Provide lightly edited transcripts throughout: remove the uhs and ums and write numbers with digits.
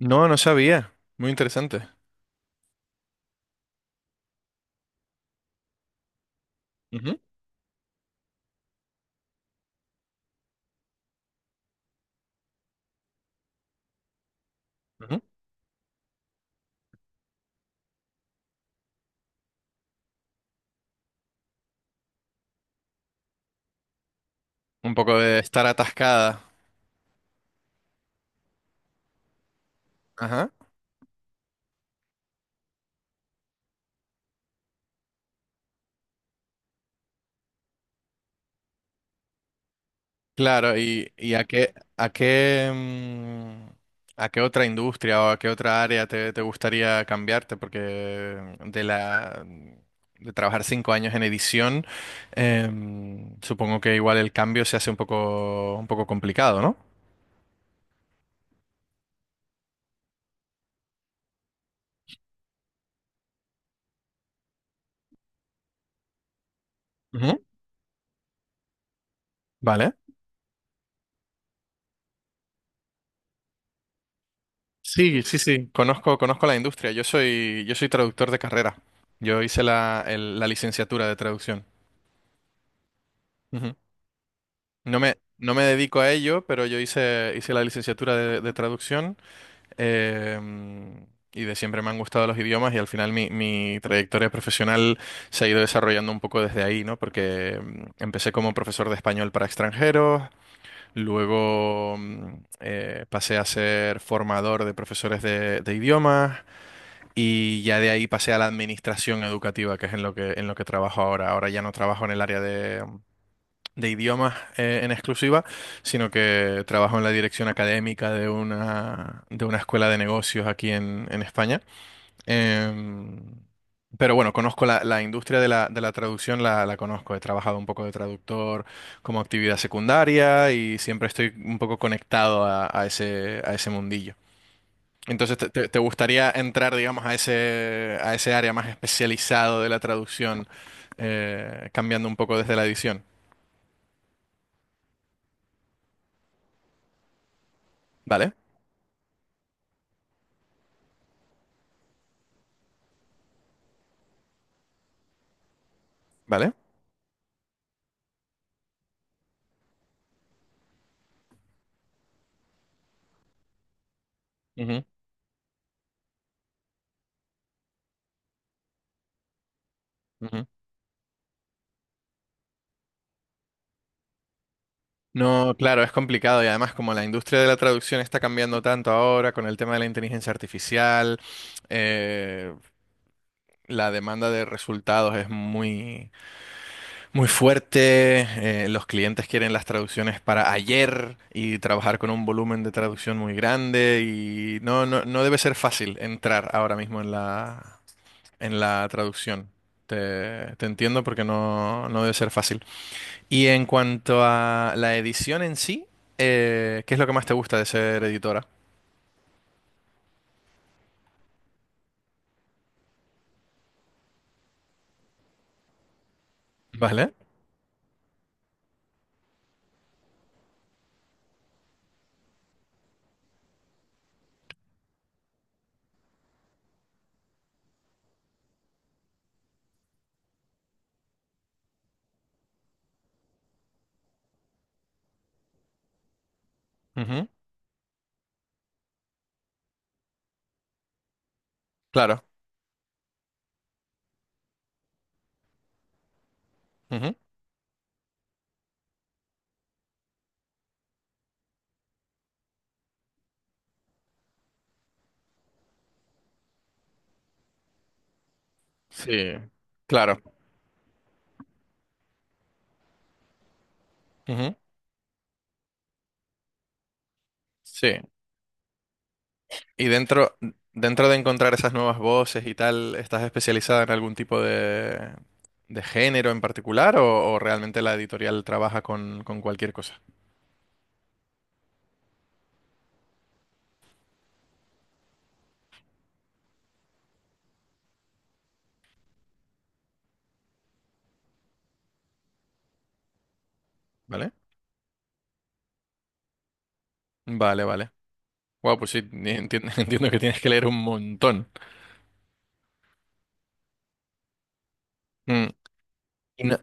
No, no sabía. Muy interesante. Ujú, ujú. Un poco de estar atascada. Ajá. Claro, y a qué, a qué, a qué otra industria o a qué otra área te gustaría cambiarte, porque de la de trabajar cinco años en edición, supongo que igual el cambio se hace un poco complicado, ¿no? Ujú. Vale. Sí, sí, sí, conozco, conozco la industria. Yo soy traductor de carrera. Yo hice la licenciatura de traducción. Ujú. No me dedico a ello, pero yo hice, hice la licenciatura de traducción eh, y de siempre me han gustado los idiomas y al final mi, mi trayectoria profesional se ha ido desarrollando un poco desde ahí, ¿no? Porque empecé como profesor de español para extranjeros, luego pasé a ser formador de profesores de idiomas. Y ya de ahí pasé a la administración educativa, que es en lo que trabajo ahora. Ahora ya no trabajo en el área de idiomas en exclusiva, sino que trabajo en la dirección académica de una escuela de negocios aquí en España. Em, pero bueno, conozco la, la industria de la traducción, la conozco. He trabajado un poco de traductor como actividad secundaria y siempre estoy un poco conectado a ese mundillo. Entonces, te gustaría entrar, digamos, a ese área más especializado de la traducción, cambiando un poco desde la edición. ¿Vale? ¿Vale? Ujú, ujú. No, claro, es complicado y además como la industria de la traducción está cambiando tanto ahora con el tema de la inteligencia artificial, eh, la demanda de resultados es muy, muy fuerte. Los clientes quieren las traducciones para ayer y trabajar con un volumen de traducción muy grande y no, no, no debe ser fácil entrar ahora mismo en la traducción. Te entiendo porque no, no debe ser fácil. Y en cuanto a la edición en sí, ¿qué es lo que más te gusta de ser editora? ¿Vale? Ujú. Claro. Ujú. Sí, claro. Ujú. Sí. Y dentro, dentro de encontrar esas nuevas voces y tal, ¿estás especializada en algún tipo de género en particular o realmente la editorial trabaja con cualquier cosa? ¿Vale? Vale, vale. Wow, pues sí, entiendo, entiendo que tienes que leer un montón. Mm. Y no-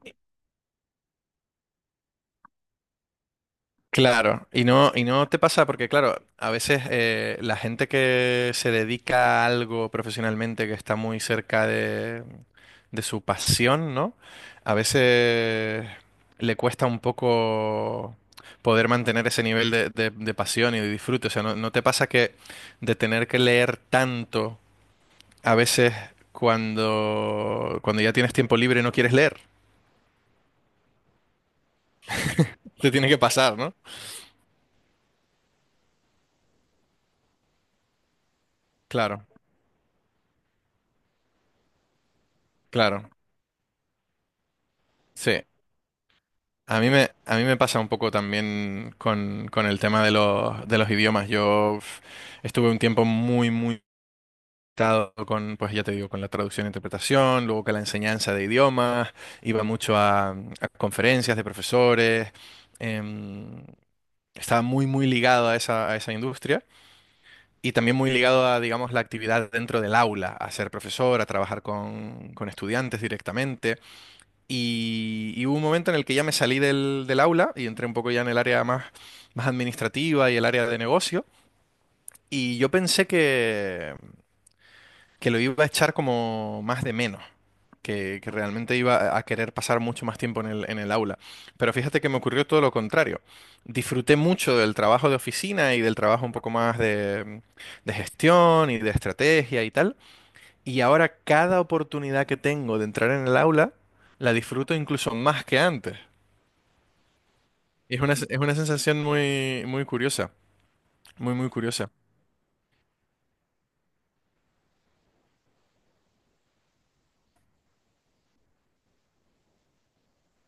Claro, y no te pasa porque, claro, a veces la gente que se dedica a algo profesionalmente que está muy cerca de su pasión, ¿no? A veces le cuesta un poco poder mantener ese nivel de, de pasión y de disfrute. O sea, ¿no, no te pasa que de tener que leer tanto, a veces cuando, cuando ya tienes tiempo libre no quieres leer? Te tiene que pasar, ¿no? Claro, claro. Sí. A mí me pasa un poco también con el tema de los idiomas. Yo uf, estuve un tiempo muy, muy limitado con, pues ya te digo, con la traducción e interpretación, luego con la enseñanza de idiomas, iba mucho a conferencias de profesores, em, estaba muy, muy ligado a esa industria y también muy ligado a, digamos, la actividad dentro del aula, a ser profesor, a trabajar con estudiantes directamente. Y hubo un momento en el que ya me salí del, del aula y entré un poco ya en el área más, más administrativa y el área de negocio. Y yo pensé que lo iba a echar como más de menos, que realmente iba a querer pasar mucho más tiempo en el aula. Pero fíjate que me ocurrió todo lo contrario. Disfruté mucho del trabajo de oficina y del trabajo un poco más de gestión y de estrategia y tal. Y ahora cada oportunidad que tengo de entrar en el aula, la disfruto incluso más que antes. Es una sensación muy, muy curiosa, muy, muy curiosa.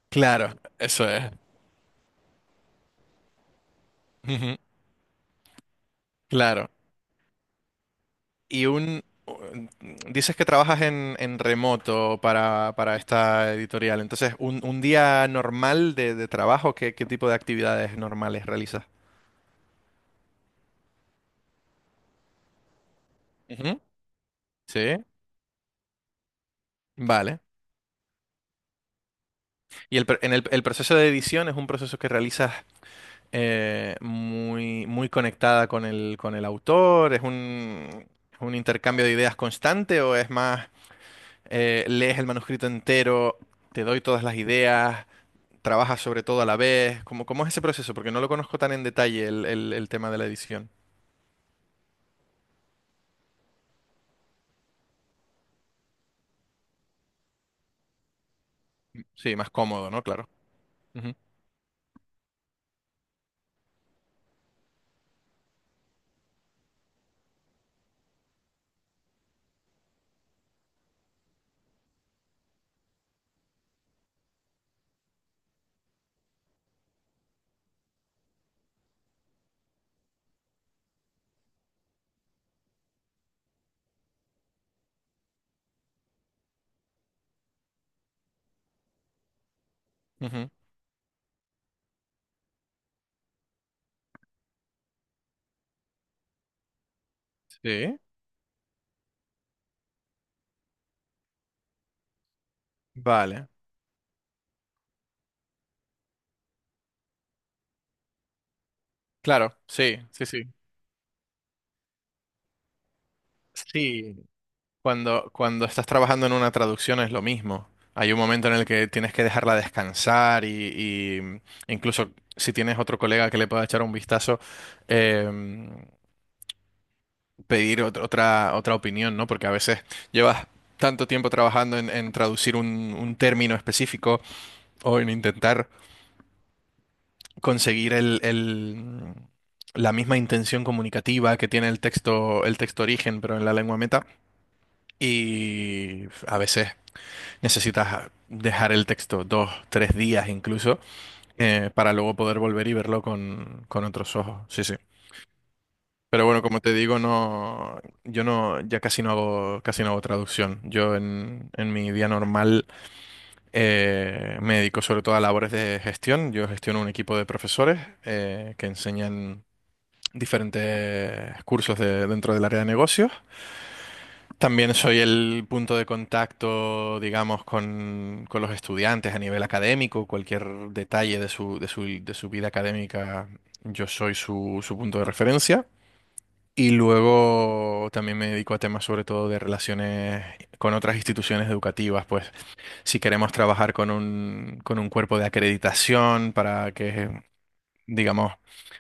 Claro, eso es. Ujú. Claro. Y un... Dices que trabajas en remoto para esta editorial. Entonces, un día normal de trabajo, ¿qué, qué tipo de actividades normales realizas? Ujú. Sí, vale. Y el, pr- en el proceso de edición es un proceso que realizas muy, muy conectada con el autor, ¿es un intercambio de ideas constante o es más lees el manuscrito entero, te doy todas las ideas, trabajas sobre todo a la vez? ¿Cómo, cómo es ese proceso? Porque no lo conozco tan en detalle el, el tema de la edición. Sí, más cómodo, ¿no? Claro. Ujú, ujú. Sí. Vale. Claro, sí, sí, sí. Sí. Cuando, cuando estás trabajando en una traducción es lo mismo. Hay un momento en el que tienes que dejarla descansar y incluso si tienes otro colega que le pueda echar un vistazo, em, pedir otra, otra opinión, ¿no? Porque a veces llevas tanto tiempo trabajando en traducir un término específico o en intentar conseguir el, la misma intención comunicativa que tiene el texto origen, pero en la lengua meta. Y a veces necesitas dejar el texto dos, tres días incluso, para luego poder volver y verlo con otros ojos. Sí, sí. Pero bueno, como te digo, no, yo no, ya casi no hago traducción. Yo en mi día normal me dedico sobre todo a labores de gestión. Yo gestiono un equipo de profesores que enseñan diferentes cursos dentro del área de negocios. También soy el punto de contacto, digamos, con los estudiantes a nivel académico. Cualquier detalle de su, de su, de su vida académica, yo soy su, su punto de referencia. Y luego también me dedico a temas sobre todo de relaciones con otras instituciones educativas, pues si queremos trabajar con un cuerpo de acreditación para que, digamos,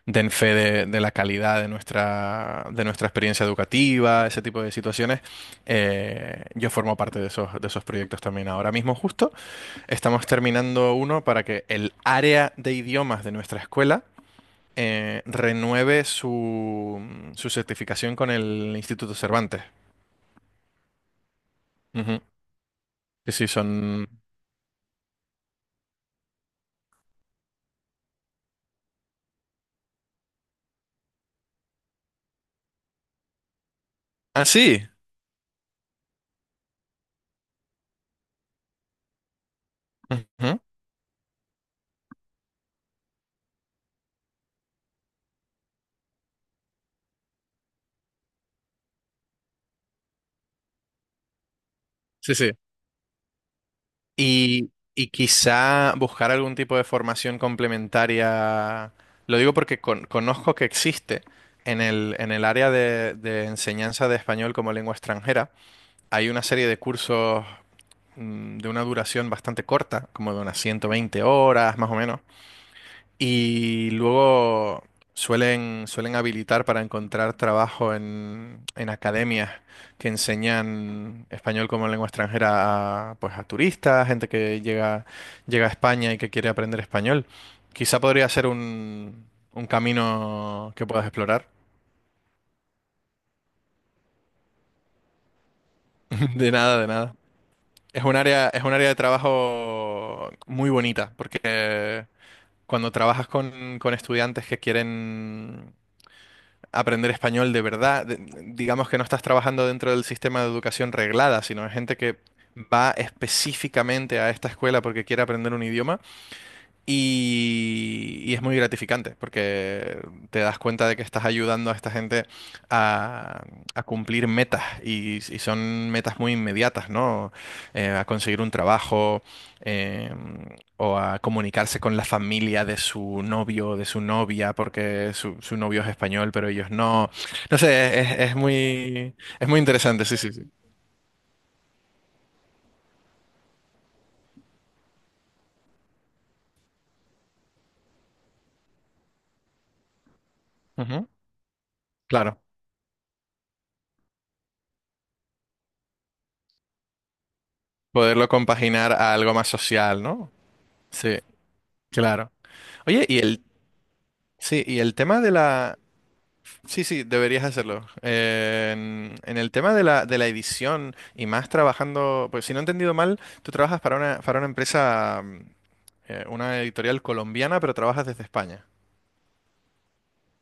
den fe de la calidad de nuestra experiencia educativa, ese tipo de situaciones, yo formo parte de esos proyectos también. Ahora mismo justo estamos terminando uno para que el área de idiomas de nuestra escuela renueve su, su certificación con el Instituto Cervantes. Ujú. Sí, sí, son... Ah, sí. Ujú. Sí, sí. Y quizá buscar algún tipo de formación complementaria. Lo digo porque conozco que existe en el área de enseñanza de español como lengua extranjera. Hay una serie de cursos de una duración bastante corta, como de unas 120 horas más o menos, y luego suelen, suelen habilitar para encontrar trabajo en academias que enseñan español como lengua extranjera a, pues a turistas, gente que llega, llega a España y que quiere aprender español. Quizá podría ser un camino que puedas explorar. De nada, de nada. Es un área de trabajo muy bonita, porque cuando trabajas con estudiantes que quieren aprender español de verdad. Digamos que no estás trabajando dentro del sistema de educación reglada, sino hay gente que va específicamente a esta escuela porque quiere aprender un idioma. Y es muy gratificante porque te das cuenta de que estás ayudando a esta gente a, a cumplir metas y son metas muy inmediatas, ¿no? A conseguir un trabajo eh, o a comunicarse con la familia de su novio, o de su novia, porque su novio es español, pero ellos no. No sé, es muy interesante, sí, sí, sí. Ujú. Claro, poderlo compaginar a algo más social, ¿no? Sí, claro. Oye, ¿y el Sí, y el tema de la... Sí, sí, deberías hacerlo. En el tema de la edición y más trabajando, pues si no he entendido mal, tú trabajas para una empresa, una editorial colombiana, pero trabajas desde España.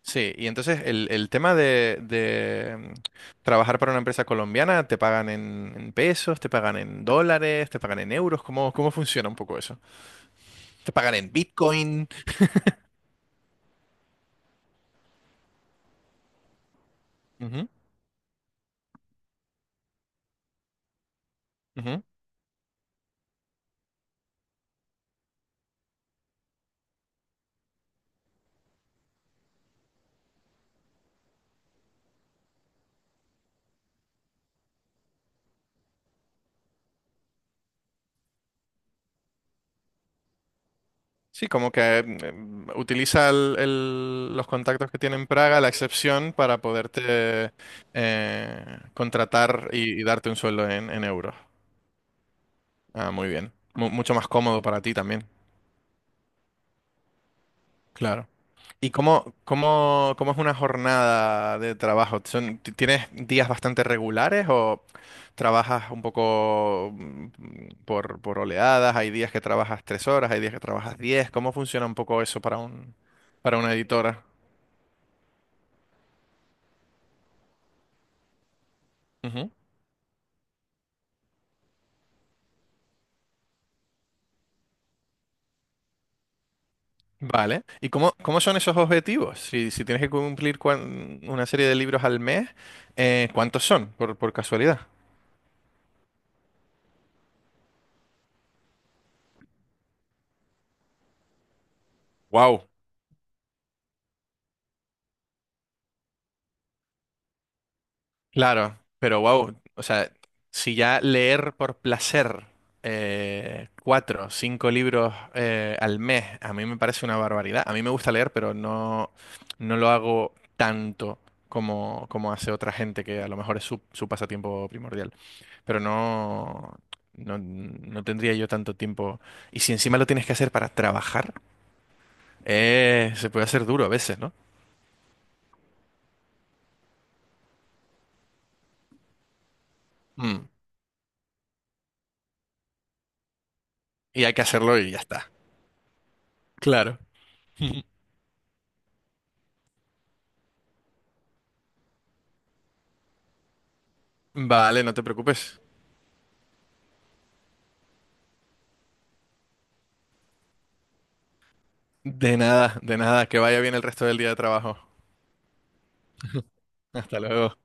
Sí, y entonces el tema de, trabajar para una empresa colombiana, ¿te pagan en pesos, te pagan en dólares, te pagan en euros? ¿Cómo, cómo funciona un poco eso? ¿Te pagan en Bitcoin? Ujú, ujú. Sí, como que utiliza los contactos que tiene en Praga, la excepción, para poderte contratar y darte un sueldo en euros. Ah, muy bien. Mu- mucho más cómodo para ti también. Claro. ¿Y cómo, cómo, cómo es una jornada de trabajo? ¿Son- ti- ¿Tienes días bastante regulares o trabajas un poco por oleadas? ¿Hay días que trabajas tres horas? ¿Hay días que trabajas diez? ¿Cómo funciona un poco eso para un, para una editora? Ujú. Vale. ¿Y cómo, cómo son esos objetivos? Si, si tienes que cumplir cuan- una serie de libros al mes, ¿cuántos son, por casualidad? Wow. Claro, pero wow, o sea, si ya leer por placer cuatro, cinco libros al mes, a mí me parece una barbaridad. A mí me gusta leer, pero no, no lo hago tanto como, como hace otra gente que a lo mejor es su, su pasatiempo primordial. Pero no, no, no tendría yo tanto tiempo. Y si encima lo tienes que hacer para trabajar, se puede hacer duro a veces, ¿no? Mm. Y hay que hacerlo y ya está. Claro. Vale, no te preocupes. De nada, de nada. Que vaya bien el resto del día de trabajo. Hasta luego.